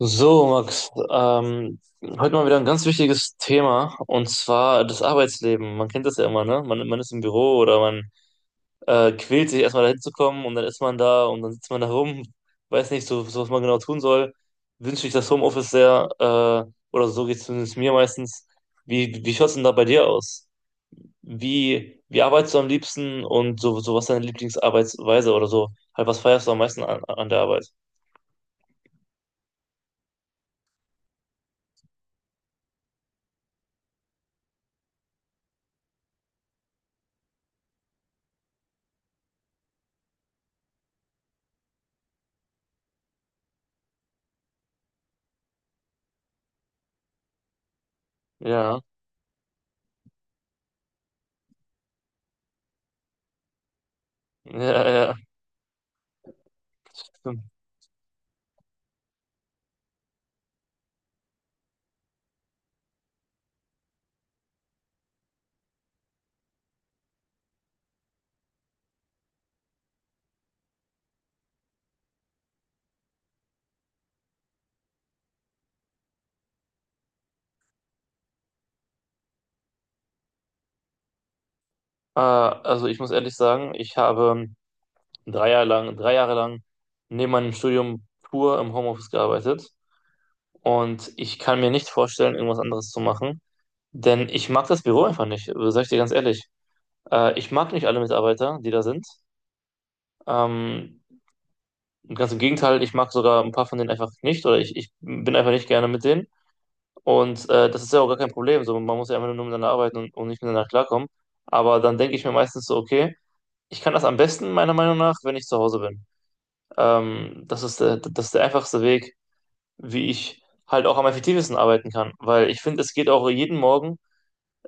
So, Max, heute mal wieder ein ganz wichtiges Thema und zwar das Arbeitsleben. Man kennt das ja immer, ne? Man ist im Büro oder man quält sich erstmal dahin zu kommen und dann ist man da und dann sitzt man da rum, weiß nicht so was man genau tun soll. Wünsche ich das Homeoffice sehr, oder so geht es zumindest mir meistens. Wie schaut's denn da bei dir aus? Wie arbeitest du am liebsten und so, was ist deine Lieblingsarbeitsweise oder so? Halt, was feierst du am meisten an der Arbeit? Ja, ja, ja. Also ich muss ehrlich sagen, ich habe drei Jahre lang neben meinem Studium pur im Homeoffice gearbeitet und ich kann mir nicht vorstellen, irgendwas anderes zu machen, denn ich mag das Büro einfach nicht, sag ich dir ganz ehrlich. Ich mag nicht alle Mitarbeiter, die da sind. Ähm, Ganz im Gegenteil, ich mag sogar ein paar von denen einfach nicht oder ich bin einfach nicht gerne mit denen und das ist ja auch gar kein Problem. So, man muss ja einfach nur miteinander arbeiten und nicht miteinander klarkommen. Aber dann denke ich mir meistens so, okay, ich kann das am besten, meiner Meinung nach, wenn ich zu Hause bin. Das ist das ist der einfachste Weg, wie ich halt auch am effektivsten arbeiten kann. Weil ich finde, es geht auch jeden Morgen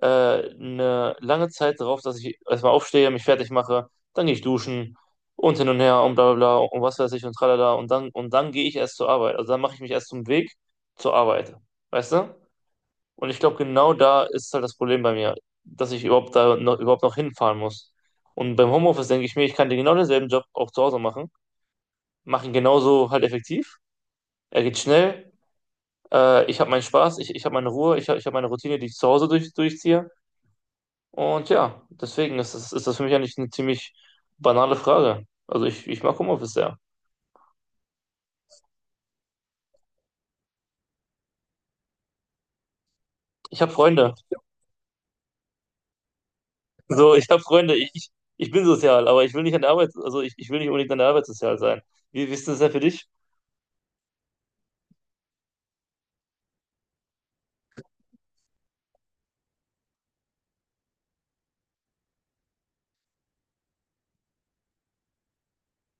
eine lange Zeit darauf, dass ich erstmal aufstehe, mich fertig mache, dann gehe ich duschen und hin und her und bla bla bla und was weiß ich und tralala und dann gehe ich erst zur Arbeit. Also dann mache ich mich erst zum Weg zur Arbeit. Weißt du? Und ich glaube, genau da ist halt das Problem bei mir, dass ich überhaupt noch hinfahren muss. Und beim Homeoffice denke ich mir, ich kann den genau denselben Job auch zu Hause machen, mache ihn genauso halt effektiv. Er geht schnell, ich habe meinen Spaß, ich habe meine Ruhe, ich hab meine Routine, die ich zu Hause durchziehe. Und ja, deswegen ist das für mich eigentlich eine ziemlich banale Frage. Also ich mag Homeoffice sehr. Ich habe Freunde. So, ich habe Freunde. Ich bin sozial, aber ich will nicht an der Arbeit, also ich will nicht unbedingt an der Arbeit sozial sein. Wie ist das denn für dich?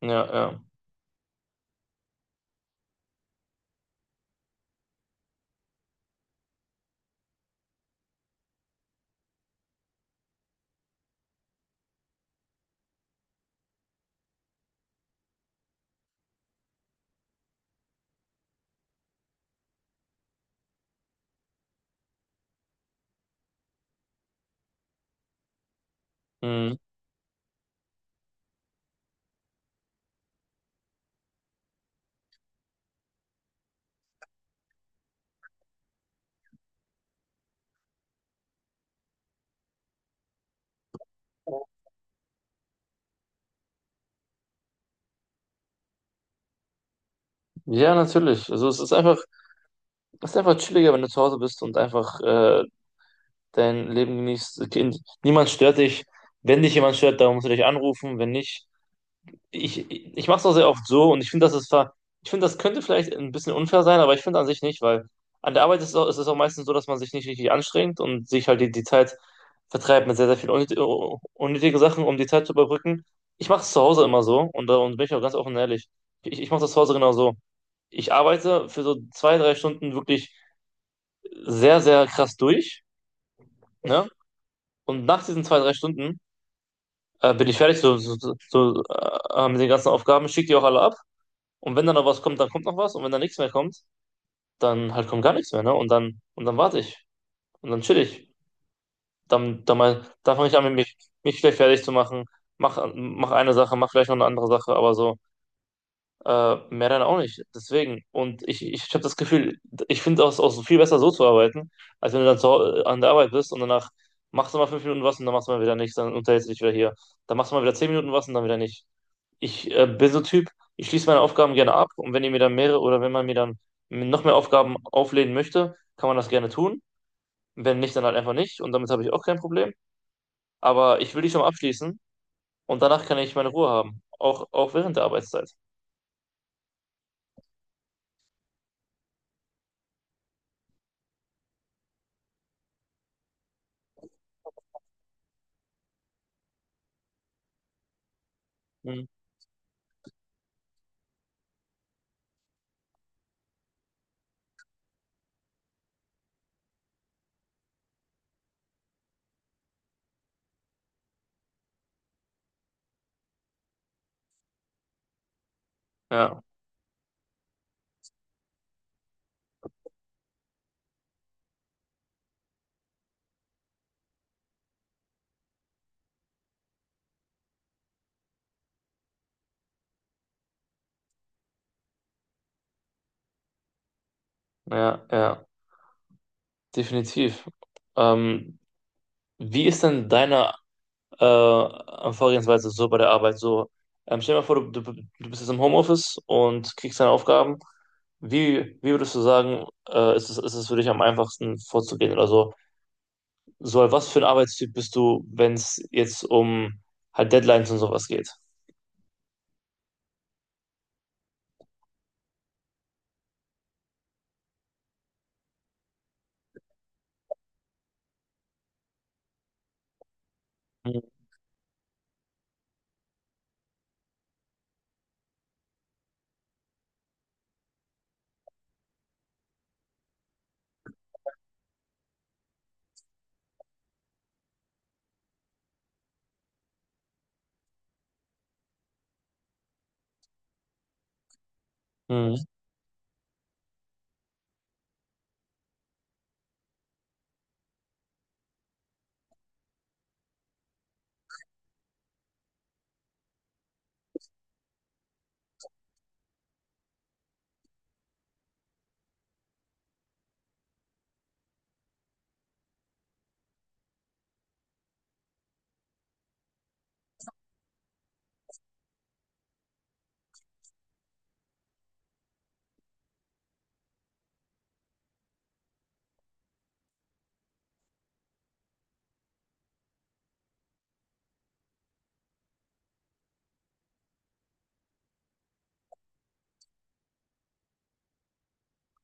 Ja, ja. Mhm. Ja, natürlich. Also es ist einfach chilliger, wenn du zu Hause bist und einfach dein Leben genießt. Niemand stört dich. Wenn dich jemand stört, dann musst du dich anrufen. Wenn nicht, ich mache es auch sehr oft so und ich finde, das ist ver ich finde, das könnte vielleicht ein bisschen unfair sein, aber ich finde an sich nicht, weil an der Arbeit ist es auch meistens so, dass man sich nicht richtig anstrengt und sich halt die Zeit vertreibt mit sehr, sehr vielen unnötigen Sachen, um die Zeit zu überbrücken. Ich mache es zu Hause immer so und bin ich auch ganz offen und ehrlich. Ich mache das zu Hause genau so. Ich arbeite für so zwei, drei Stunden wirklich sehr, sehr krass durch, ne? Und nach diesen zwei, drei Stunden bin ich fertig so, mit den ganzen Aufgaben, schicke die auch alle ab. Und wenn dann noch was kommt, dann kommt noch was. Und wenn dann nichts mehr kommt, dann halt kommt gar nichts mehr, ne? Und dann warte ich. Und dann chill ich. Dann fange ich an, mich vielleicht fertig zu machen. Mach eine Sache, mach vielleicht noch eine andere Sache, aber so, mehr dann auch nicht. Deswegen. Und ich habe das Gefühl, ich finde es auch viel besser so zu arbeiten, als wenn du dann an der Arbeit bist und danach machst du mal fünf Minuten was und dann machst du mal wieder nichts, dann unterhältst du dich wieder hier. Dann machst du mal wieder zehn Minuten was und dann wieder nicht. Ich bin so ein Typ, ich schließe meine Aufgaben gerne ab und wenn ihr mir dann mehrere oder wenn man mir dann noch mehr Aufgaben auflehnen möchte, kann man das gerne tun. Wenn nicht, dann halt einfach nicht und damit habe ich auch kein Problem. Aber ich will die schon mal abschließen und danach kann ich meine Ruhe haben, auch, auch während der Arbeitszeit. Hm. Ja, ja, ja, definitiv. Ähm, Wie ist denn deine an Vorgehensweise so bei der Arbeit. So, stell dir mal vor, du bist jetzt im Homeoffice und kriegst deine Aufgaben. Wie würdest du sagen, ist es für dich am einfachsten vorzugehen oder so? So, was für ein Arbeitstyp bist du, wenn es jetzt um halt Deadlines und sowas geht? Mhm.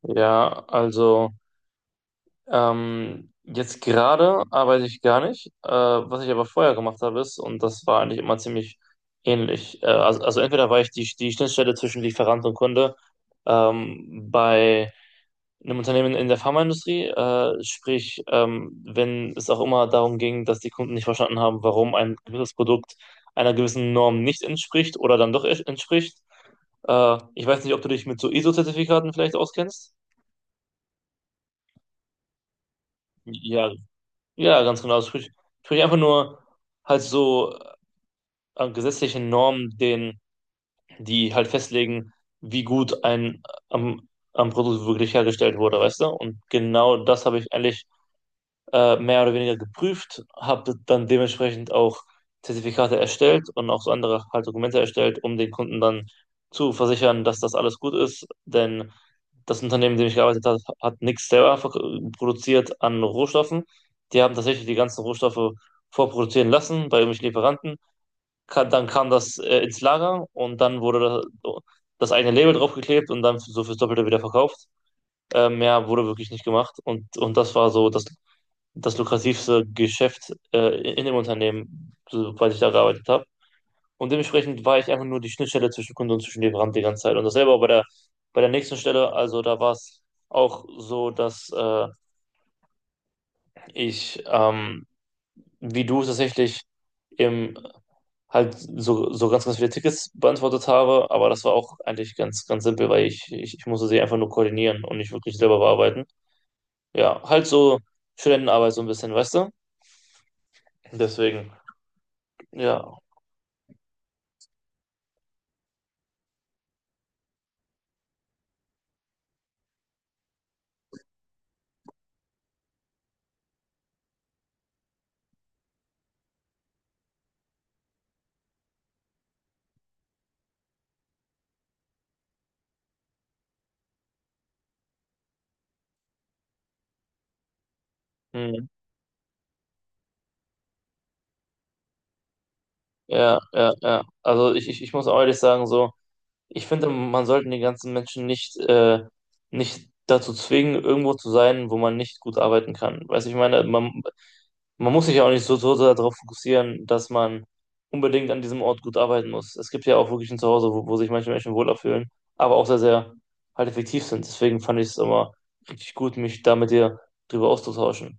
Ja, also. Jetzt gerade arbeite ich gar nicht. Was ich aber vorher gemacht habe, ist, und das war eigentlich immer ziemlich ähnlich. Also entweder war ich die Schnittstelle zwischen Lieferant und Kunde, bei einem Unternehmen in der Pharmaindustrie. Sprich, wenn es auch immer darum ging, dass die Kunden nicht verstanden haben, warum ein gewisses Produkt einer gewissen Norm nicht entspricht oder dann doch entspricht. Ich weiß nicht, ob du dich mit so ISO-Zertifikaten vielleicht auskennst. Ja, ja, ganz genau. Das tue ich. Sprich einfach nur halt so gesetzlichen Normen, die halt festlegen, wie gut ein am, am Produkt wirklich hergestellt wurde, weißt du? Und genau das habe ich eigentlich mehr oder weniger geprüft, habe dann dementsprechend auch Zertifikate erstellt und auch so andere halt Dokumente erstellt, um den Kunden dann zu versichern, dass das alles gut ist. Denn das Unternehmen, in dem ich gearbeitet habe, hat nichts selber produziert an Rohstoffen. Die haben tatsächlich die ganzen Rohstoffe vorproduzieren lassen bei irgendwelchen Lieferanten. Dann kam das ins Lager und dann wurde das, das eigene Label draufgeklebt und dann so fürs Doppelte wieder verkauft. Mehr wurde wirklich nicht gemacht und das war so das lukrativste Geschäft in dem Unternehmen, soweit ich da gearbeitet habe. Und dementsprechend war ich einfach nur die Schnittstelle zwischen Kunde und zwischen Lieferant die ganze Zeit. Und dasselbe auch bei bei der nächsten Stelle. Also da war es auch so, dass ich, ähm, wie du tatsächlich im halt so, so ganz, ganz viele Tickets beantwortet habe, aber das war auch eigentlich ganz, ganz simpel, weil ich musste sie einfach nur koordinieren und nicht wirklich selber bearbeiten. Ja, halt so Studentenarbeit so ein bisschen, weißt du? Deswegen, ja, hm, ja, ja, ja. Also ich muss auch ehrlich sagen, so, ich finde, man sollte die ganzen Menschen nicht, nicht dazu zwingen, irgendwo zu sein, wo man nicht gut arbeiten kann. Weißt du, ich meine, man muss sich ja auch nicht so darauf fokussieren, dass man unbedingt an diesem Ort gut arbeiten muss. Es gibt ja auch wirklich ein Zuhause, wo sich manche Menschen wohler fühlen, aber auch sehr, sehr halt effektiv sind. Deswegen fand ich es immer richtig gut, mich da mit dir drüber auszutauschen.